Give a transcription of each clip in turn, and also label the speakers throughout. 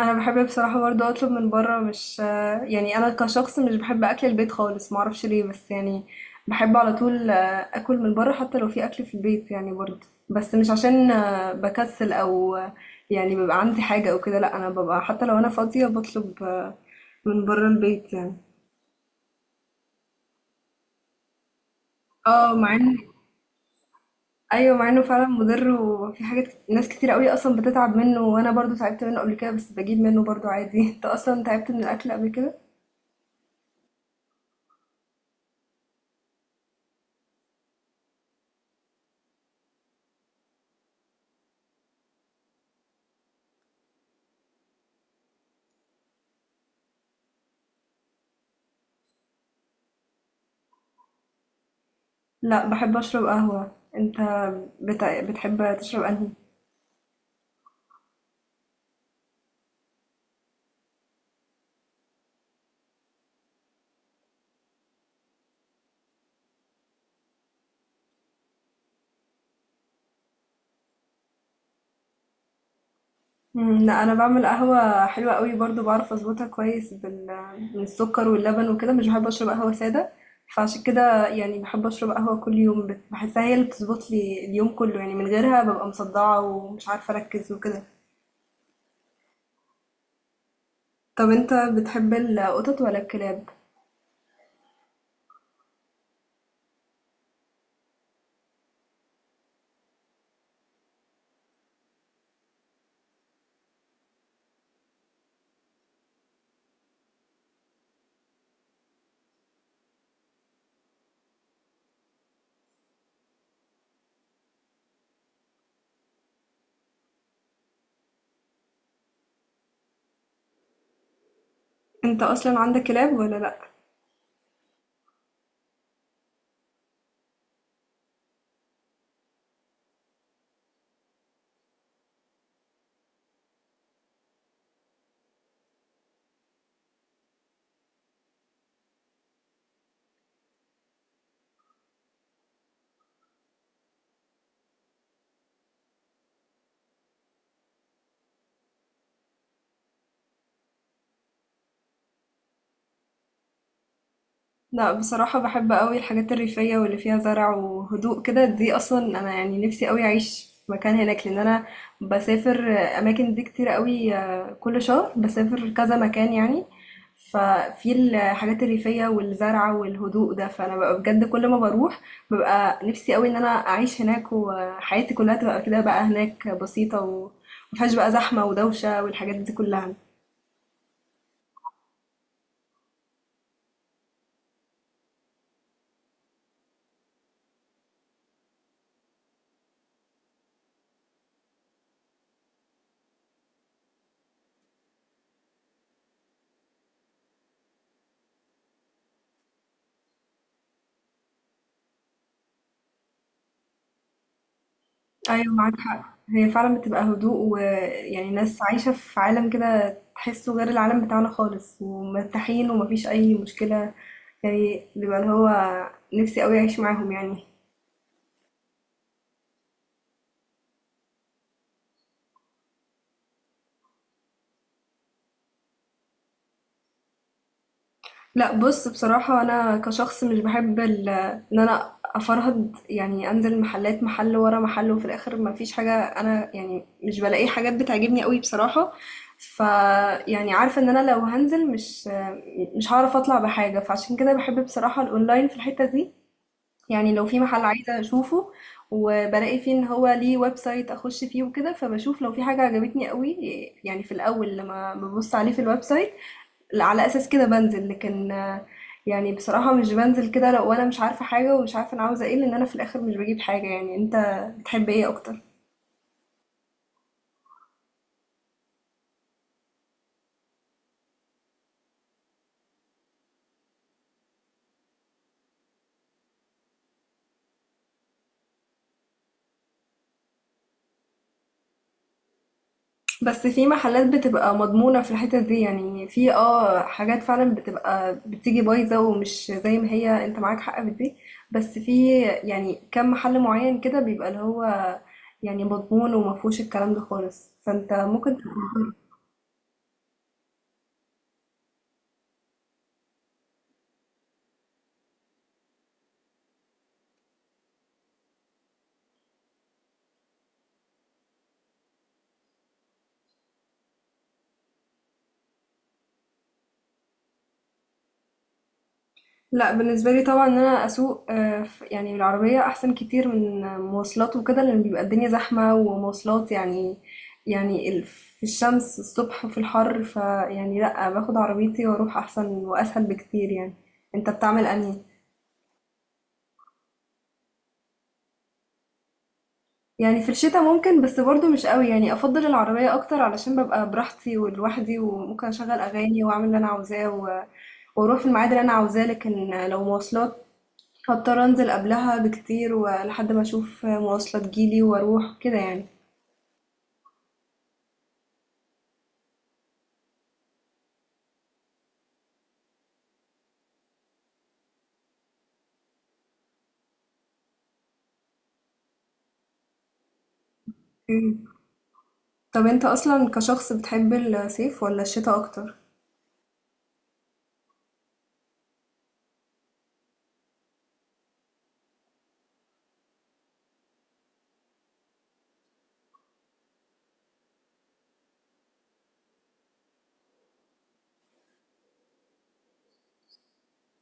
Speaker 1: انا بحب بصراحه برضه اطلب من بره، مش يعني انا كشخص مش بحب اكل البيت خالص، ما اعرفش ليه بس يعني بحب على طول اكل من بره حتى لو في اكل في البيت يعني برضه، بس مش عشان بكسل او يعني بيبقى عندي حاجه او كده. لا انا ببقى حتى لو انا فاضيه بطلب من بره البيت يعني. اه مع ان، ايوه مع انه فعلا مضر وفي ناس كتير قوي اصلا بتتعب منه، وانا برضه تعبت منه قبل كده بس بجيب منه برضه عادي. انت اصلا تعبت من الاكل قبل كده؟ لأ، باحب أشرب قهوة. أنت بتحب تشرب أنهي؟ إمم، لأ، أنا باعمل قهوة حلوة أوي برضه، باعرف أضبطها كويس بالسكر واللبن وكده، مش باحب أشرب قهوة سادة، فعشان كده يعني باحب أشرب قهوة كل يوم، باحسها هي اللي بتضبط لي اليوم كله، يعني من غيرها بابقى مصدعة ومش عارفة أركّز وكده. طَب أنت بتحب القطط والّا الكلاب؟ أنت أصلًا عندك كلاب والّا لأ؟ لا بصراحة بحب قوي الحاجات الريفية واللي فيها زرع وهدوء كده، دي أصلا أنا يعني نفسي قوي أعيش في مكان هناك، لأن أنا بسافر أماكن دي كتير قوي، كل شهر بسافر كذا مكان يعني. ففي الحاجات الريفية والزرع والهدوء ده، فأنا ببقى بجد كل ما بروح ببقى نفسي قوي إن أنا أعيش هناك وحياتي كلها تبقى كده بقى هناك بسيطة ومفيهاش بقى زحمة ودوشة والحاجات دي كلها. ايوه معاك حق، هي فعلا بتبقى هدوء ويعني ناس عايشة في عالم كده تحسه غير العالم بتاعنا خالص، ومرتاحين ومفيش اي مشكلة. يعني بيبقى اللي هو نفسي قوي اعيش معاهم يعني. لأ بُص، بصراحة أنا كشخص مش باحب إن أنا أفرهد، يعني أنزل محلات محل ورا محل وفي الآخر ما فيش حاجة. أنا يعني مش بالاقي حاجات بتعجبني أوي بصراحة، فيعني عارفة إن أنا لو هانزل مش هاعرف أطلع بحاجة، فعشان كده باحب بصراحة الأونلاين في الحتة دي، يعني لو في محل عايزة أشوفه وبالاقي فيه إن هو ليه website أخش فيه وكده، فباشوف لو في حاجة عجبتني أوي، يعني في الأول لمّا بابُص عليه في الwebsite لا، على اساس كده بنزل. لكن يعني بصراحة مش بنزل كده لو وانا مش عارفة حاجة ومش عارفة انا عاوزة ايه، لان انا في الاخر مش بجيب حاجة يعني. انت بتحب ايه اكتر؟ بس في محلات بتبقى مضمونة في الحتة دي، يعني في اه حاجات فعلا بتبقى بتيجي بايظة ومش زي ما هي، انت معاك حق في دي، بس في يعني كم محل معين كده بيبقى اللي هو يعني مضمون ومفهوش الكلام ده خالص، فانت ممكن. لا بالنسبة لي طبعا ان انا اسوق يعني بالعربية احسن كتير من مواصلات وكده، لان بيبقى الدنيا زحمة ومواصلات يعني، يعني في الشمس الصبح وفي الحر، فيعني لا باخد عربيتي واروح احسن واسهل بكتير يعني. انت بتعمل انهي؟ يعني في الشتاء ممكن بس برضو مش قوي، يعني افضل العربية اكتر علشان ببقى براحتي ولوحدي وممكن اشغل اغاني واعمل اللي انا عاوزاه، و واروح في الميعاد اللي انا عاوزاه. لكن لو مواصلات هاضطر أنزل قبلها بكتير ولحد ما أشوف مواصلة تجيلي وأروح كده يعني. إمم. طب أنت أصلًا كشخص بتحب الصيف والّا الشتا أكتر؟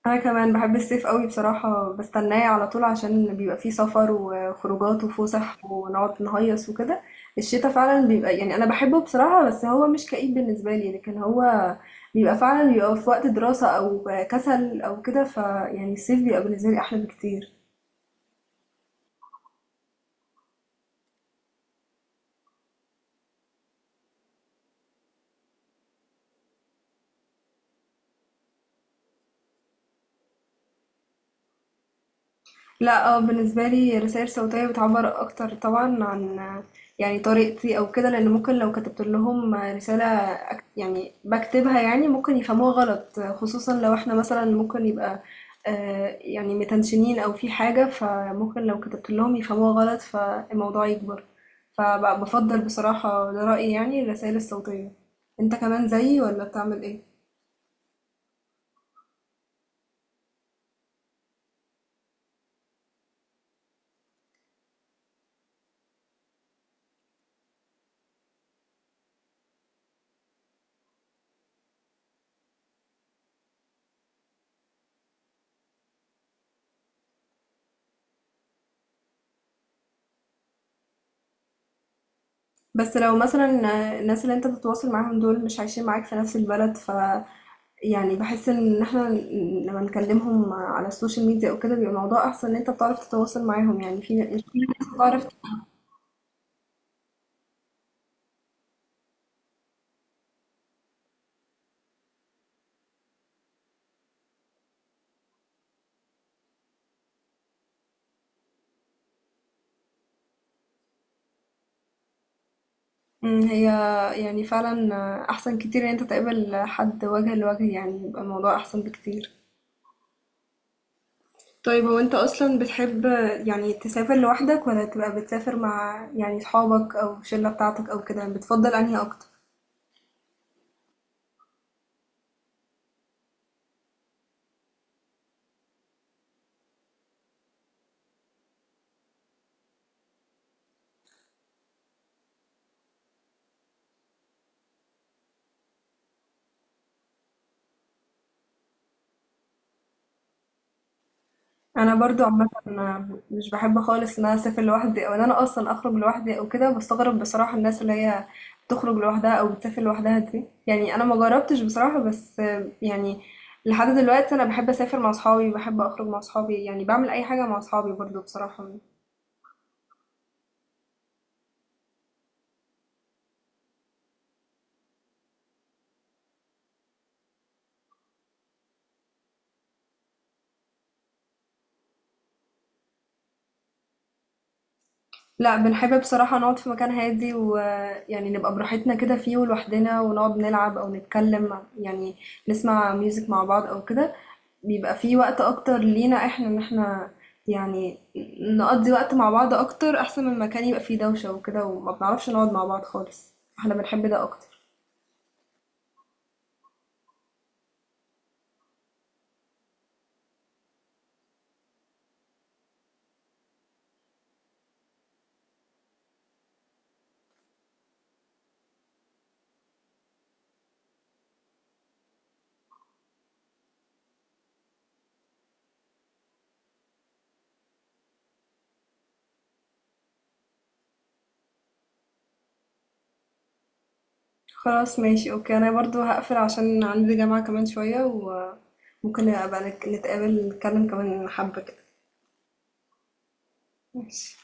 Speaker 1: أنا كمان باحب الصيف أوي بصراحة، باستناه على طول عشان بيبقى فيه سفر وخروجات وفُسح ونقعد نهيص وكده. الشتا فعلًا بيبقى يعني أنا باحبه بصراحة، بس هو مش كئيب بالنسبة لي، لكن هو بيبقى فعلًا في وقت دراسة أو كسل أو كده، فيعني الصيف بيبقى بالنسبة لي أحلى بكتير. لأ، بالنسبة لي الرسايل الصوتية بتعبّر أكتر طبعًا عن يعني طريقتي أو كده، لإن ممكن لو كتبت لهم رسالة، يعني باكتبها يعني ممكن يفهموها غلط، خصوصًا لو إحنا مثلًا ممكن يبقى يعني متنشنين أو في حاجة، فممكن لو كتبت لهم يفهموها غلط فالموضوع يكبر، فب بافضّل بصراحة ده رأيي يعني الرسايل الصوتية. أنت كمان زيي والّا بتعمل إيه؟ بس لو مثلا الناس اللي انت بتتواصل معاهم دول مش عايشين معاك في نفس البلد، ف يعني بحس ان احنا لما نكلمهم على السوشيال ميديا او كده بيبقى الموضوع احسن، ان انت بتعرف تتواصل معاهم، يعني في مش كل الناس بتعرف. مم، هي يعني فعلا احسن كتير ان انت تقابل حد وجه لوجه، يعني بيبقى الموضوع احسن بكتير. طيب هو انت اصلا بتحب يعني تسافر لوحدك ولا تبقى بتسافر مع يعني صحابك او الشلة بتاعتك او كده؟ بتفضل انهي اكتر؟ انا برضو عامه مش بحب خالص ان انا اسافر لوحدي او ان انا اصلا اخرج لوحدي او كده، بستغرب بصراحه الناس اللي هي بتخرج لوحدها او بتسافر لوحدها دي، يعني انا ما جربتش بصراحه، بس يعني لحد دلوقتي انا بحب اسافر مع اصحابي، بحب اخرج مع اصحابي، يعني بعمل اي حاجه مع اصحابي برضو بصراحه. لا بنحب بصراحة نقعد في مكان هادي، ويعني نبقى براحتنا كده فيه ولوحدنا، ونقعد نلعب أو يعني نسمع ميوزك مع بعض أو كده، بيبقى فيه وقت أكتر لينا احنا إن احنا يعني نقضي وقت مع بعض أكتر، أحسن من مكان يبقى فيه دوشة وكده وما بنعرفش نقعد مع بعض خالص. احنا بنحب ده أكتر. خلاص ماشي أوكي، أنا برضو هقفل عشان عندي جامعة كمان شوية، وممكن أبقى نتقابل نتكلم كمان حبة كده. ماشي.